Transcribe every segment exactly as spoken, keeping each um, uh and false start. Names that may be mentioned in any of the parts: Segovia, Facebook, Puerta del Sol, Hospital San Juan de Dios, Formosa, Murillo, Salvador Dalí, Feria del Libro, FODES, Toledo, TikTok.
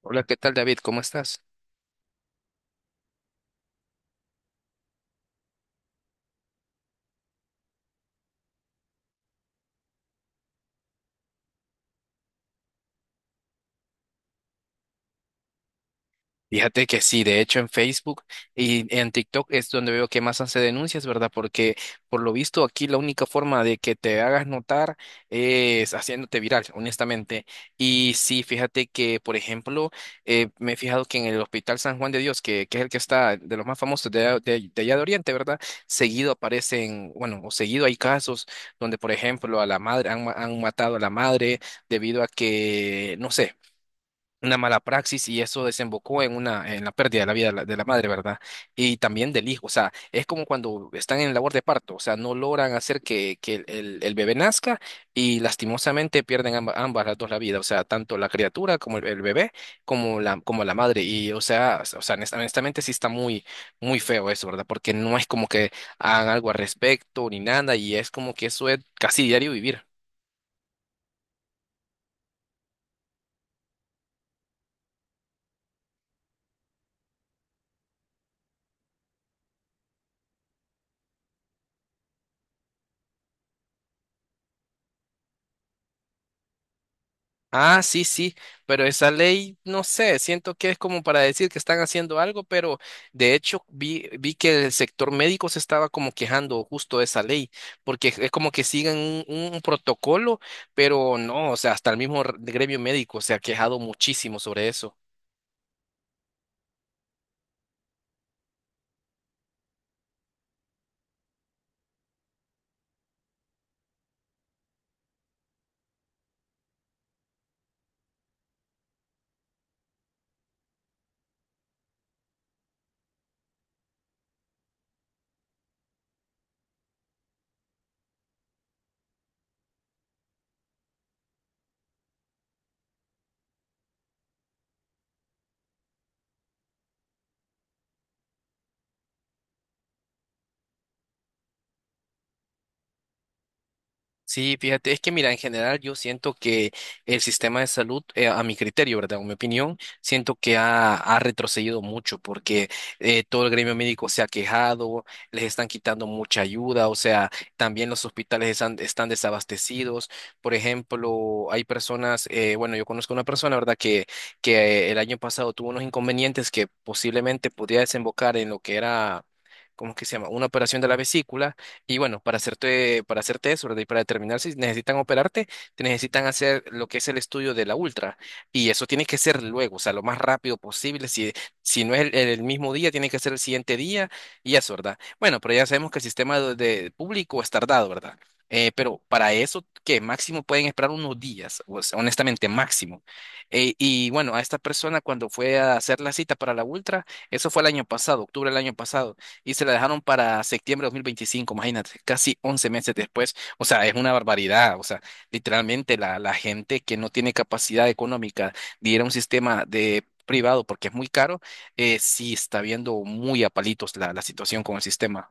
Hola, ¿qué tal David? ¿Cómo estás? Fíjate que sí, de hecho en Facebook y en TikTok es donde veo que más hace denuncias, ¿verdad? Porque por lo visto aquí la única forma de que te hagas notar es haciéndote viral, honestamente. Y sí, fíjate que, por ejemplo, eh, me he fijado que en el Hospital San Juan de Dios, que, que es el que está de los más famosos de, de, de allá de Oriente, ¿verdad? Seguido aparecen, bueno, o seguido hay casos donde, por ejemplo, a la madre, han, ma- han matado a la madre debido a que, no sé, una mala praxis y eso desembocó en una en la pérdida de la vida de la, de la madre, ¿verdad? Y también del hijo, o sea, es como cuando están en labor de parto, o sea, no logran hacer que, que el, el- el bebé nazca y lastimosamente pierden amba- ambas las dos la vida, o sea, tanto la criatura como el, el bebé como la como la madre y o sea, o sea, honest- honestamente sí está muy muy feo eso, ¿verdad? Porque no es como que hagan algo al respecto ni nada y es como que eso es casi diario vivir. Ah, sí, sí, pero esa ley, no sé, siento que es como para decir que están haciendo algo, pero de hecho vi, vi que el sector médico se estaba como quejando justo de esa ley, porque es como que siguen un, un protocolo, pero no, o sea, hasta el mismo r- gremio médico se ha quejado muchísimo sobre eso. Sí, fíjate, es que mira, en general yo siento que el sistema de salud, eh, a mi criterio, ¿verdad? O mi opinión, siento que ha, ha retrocedido mucho porque eh, todo el gremio médico se ha quejado, les están quitando mucha ayuda, o sea, también los hospitales están, están desabastecidos. Por ejemplo, hay personas, eh, bueno, yo conozco una persona, ¿verdad? Que, que el año pasado tuvo unos inconvenientes que posiblemente podía desembocar en lo que era... ¿Cómo es que se llama? Una operación de la vesícula y bueno, para hacerte, para hacerte eso, ¿verdad? Y para determinar si necesitan operarte, te necesitan hacer lo que es el estudio de la ultra. Y eso tiene que ser luego, o sea, lo más rápido posible. Si, si no es el, el mismo día, tiene que ser el siguiente día y eso, ¿verdad? Bueno, pero ya sabemos que el sistema de, de público es tardado, ¿verdad? Eh, pero para eso, que máximo pueden esperar unos días, o sea, honestamente, máximo. Eh, y bueno, a esta persona cuando fue a hacer la cita para la ultra, eso fue el año pasado, octubre del año pasado y se la dejaron para septiembre de dos mil veinticinco, imagínate, casi once meses después. O sea, es una barbaridad. O sea, literalmente la, la gente que no tiene capacidad económica de ir a un sistema de privado porque es muy caro, eh, sí está viendo muy a palitos la, la situación con el sistema.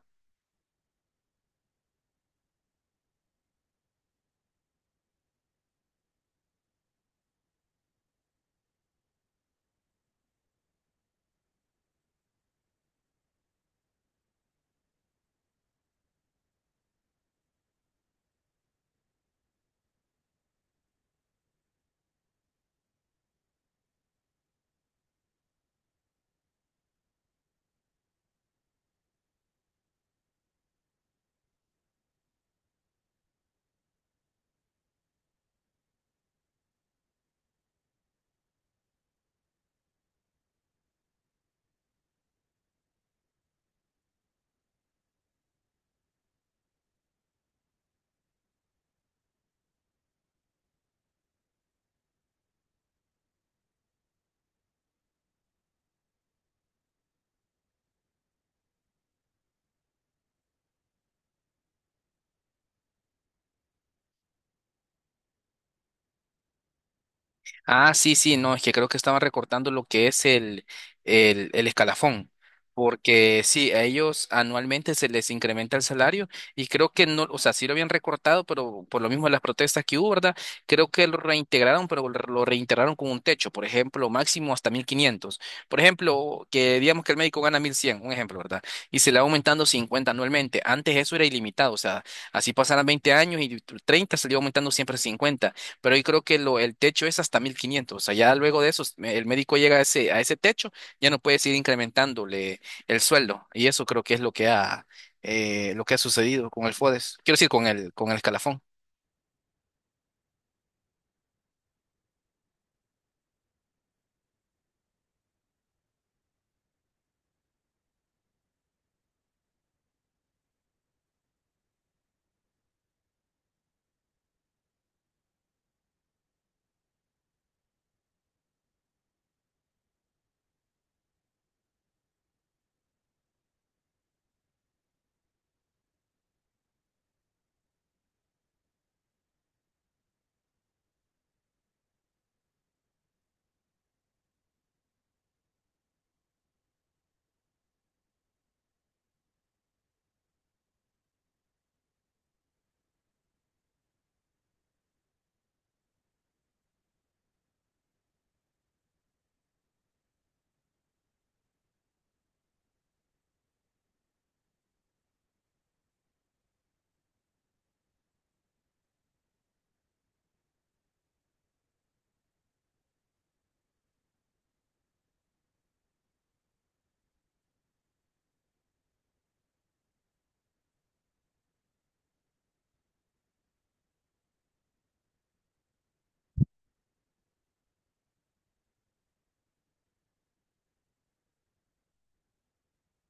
Ah, sí, sí, no, es que creo que estaban recortando lo que es el, el, el escalafón, porque sí, a ellos anualmente se les incrementa el salario y creo que no, o sea, sí lo habían recortado, pero por lo mismo de las protestas que hubo, ¿verdad? Creo que lo reintegraron, pero lo lo reintegraron con un techo, por ejemplo, máximo hasta mil quinientos. Por ejemplo, que digamos que el médico gana mil cien, un ejemplo, ¿verdad? Y se le va aumentando cincuenta anualmente. Antes eso era ilimitado, o sea, así pasaran veinte años y treinta se le iba aumentando siempre cincuenta, pero yo creo que lo, el techo es hasta mil quinientos, o sea, ya luego de eso, me- el médico llega a ese, a ese techo, ya no puedes ir incrementándole el sueldo, y eso creo que es lo que ha, eh, lo que ha sucedido con el FODES, quiero decir, con el, con el escalafón.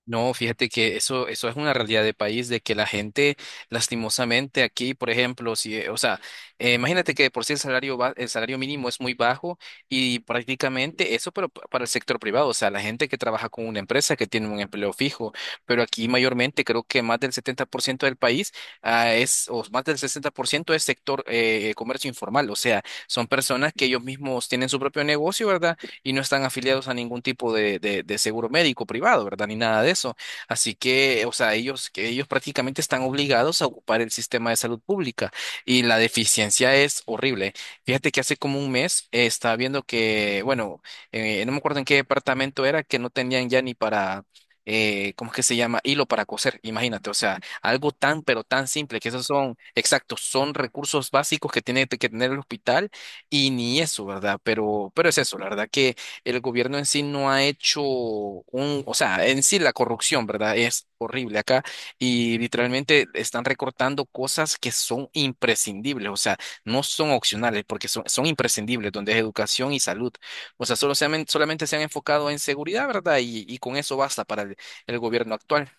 No, fíjate que eso, eso es una realidad de país, de que la gente, lastimosamente, aquí, por ejemplo, si, eh, o sea, eh, imagínate que de por sí el salario, ba- el salario mínimo es muy bajo y prácticamente eso, pero pa- para el sector privado, o sea, la gente que trabaja con una empresa que tiene un empleo fijo, pero aquí mayormente creo que más del setenta por ciento del país, ah, es, o más del sesenta por ciento es sector eh, comercio informal, o sea, son personas que ellos mismos tienen su propio negocio, ¿verdad? Y no están afiliados a ningún tipo de, de- de seguro médico privado, ¿verdad? Ni nada de eso. Así que, o sea, ellos, que ellos prácticamente están obligados a ocupar el sistema de salud pública y la deficiencia es horrible. Fíjate que hace como un mes eh, estaba viendo que, bueno, eh, no me acuerdo en qué departamento era, que no tenían ya ni para... eh, ¿cómo es que se llama? Hilo para coser, imagínate, o sea, algo tan, pero tan simple, que esos son, exactos, son recursos básicos que tiene que tener el hospital y ni eso, ¿verdad? Pero, pero es eso, la verdad que el gobierno en sí no ha hecho un, o sea, en sí la corrupción, ¿verdad? Es horrible acá y literalmente están recortando cosas que son imprescindibles, o sea, no son opcionales porque son, son imprescindibles, donde es educación y salud. O sea, solo se han- solamente se han enfocado en seguridad, ¿verdad? Y, y con eso basta para el el gobierno actual.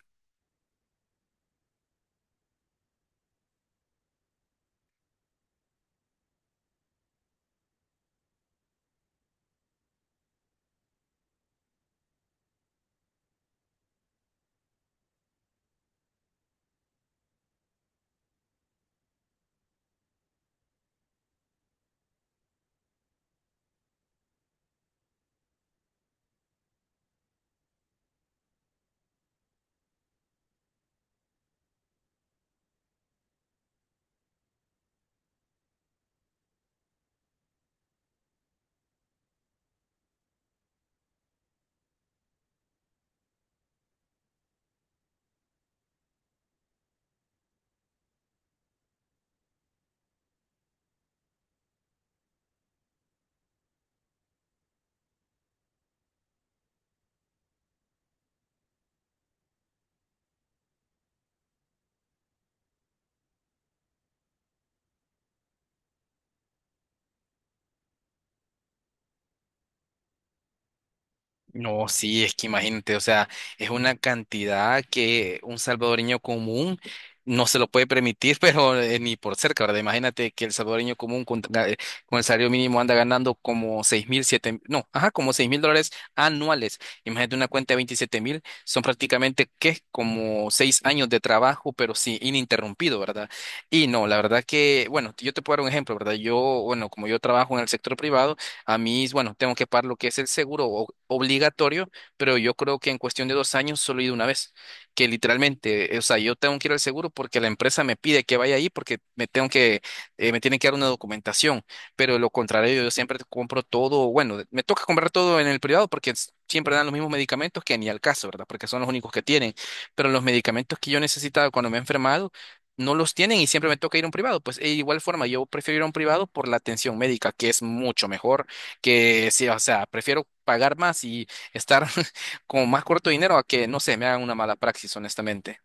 No, sí, es que imagínate, o sea, es una cantidad que un salvadoreño común no se lo puede permitir, pero eh, ni por cerca, ¿verdad? Imagínate que el salvadoreño común con, ga- eh, con el salario mínimo anda ganando como seis mil, siete, mil, no, ajá, como seis mil dólares anuales. Imagínate una cuenta de veintisiete mil, son prácticamente, ¿qué? Como seis años de trabajo, pero sí, ininterrumpido, ¿verdad? Y no, la verdad que, bueno, yo te puedo dar un ejemplo, ¿verdad? Yo, bueno, como yo trabajo en el sector privado, a mí, bueno, tengo que pagar lo que es el seguro o- obligatorio, pero yo creo que en cuestión de dos años solo he ido una vez, que literalmente, eh, o sea, yo tengo que ir al seguro porque la empresa me pide que vaya ahí porque me tengo que, eh, me tienen que dar una documentación, pero de lo contrario, yo siempre compro todo, bueno, me toca comprar todo en el privado porque s- siempre dan los mismos medicamentos que ni al caso, ¿verdad? Porque son los únicos que tienen, pero los medicamentos que yo necesitaba cuando me he enfermado, no los tienen y siempre me toca ir a un privado. Pues de igual forma, yo prefiero ir a un privado por la atención médica, que es mucho mejor, que sí, o sea, prefiero pagar más y estar con más corto dinero a que, no sé, me hagan una mala praxis, honestamente.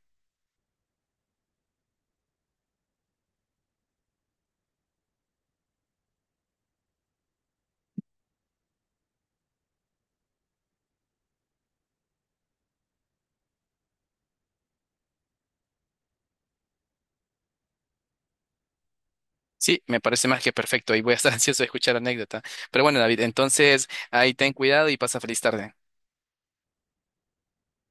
Sí, me parece más que perfecto y voy a estar ansioso de escuchar la anécdota. Pero bueno, David, entonces ahí ten cuidado y pasa feliz tarde.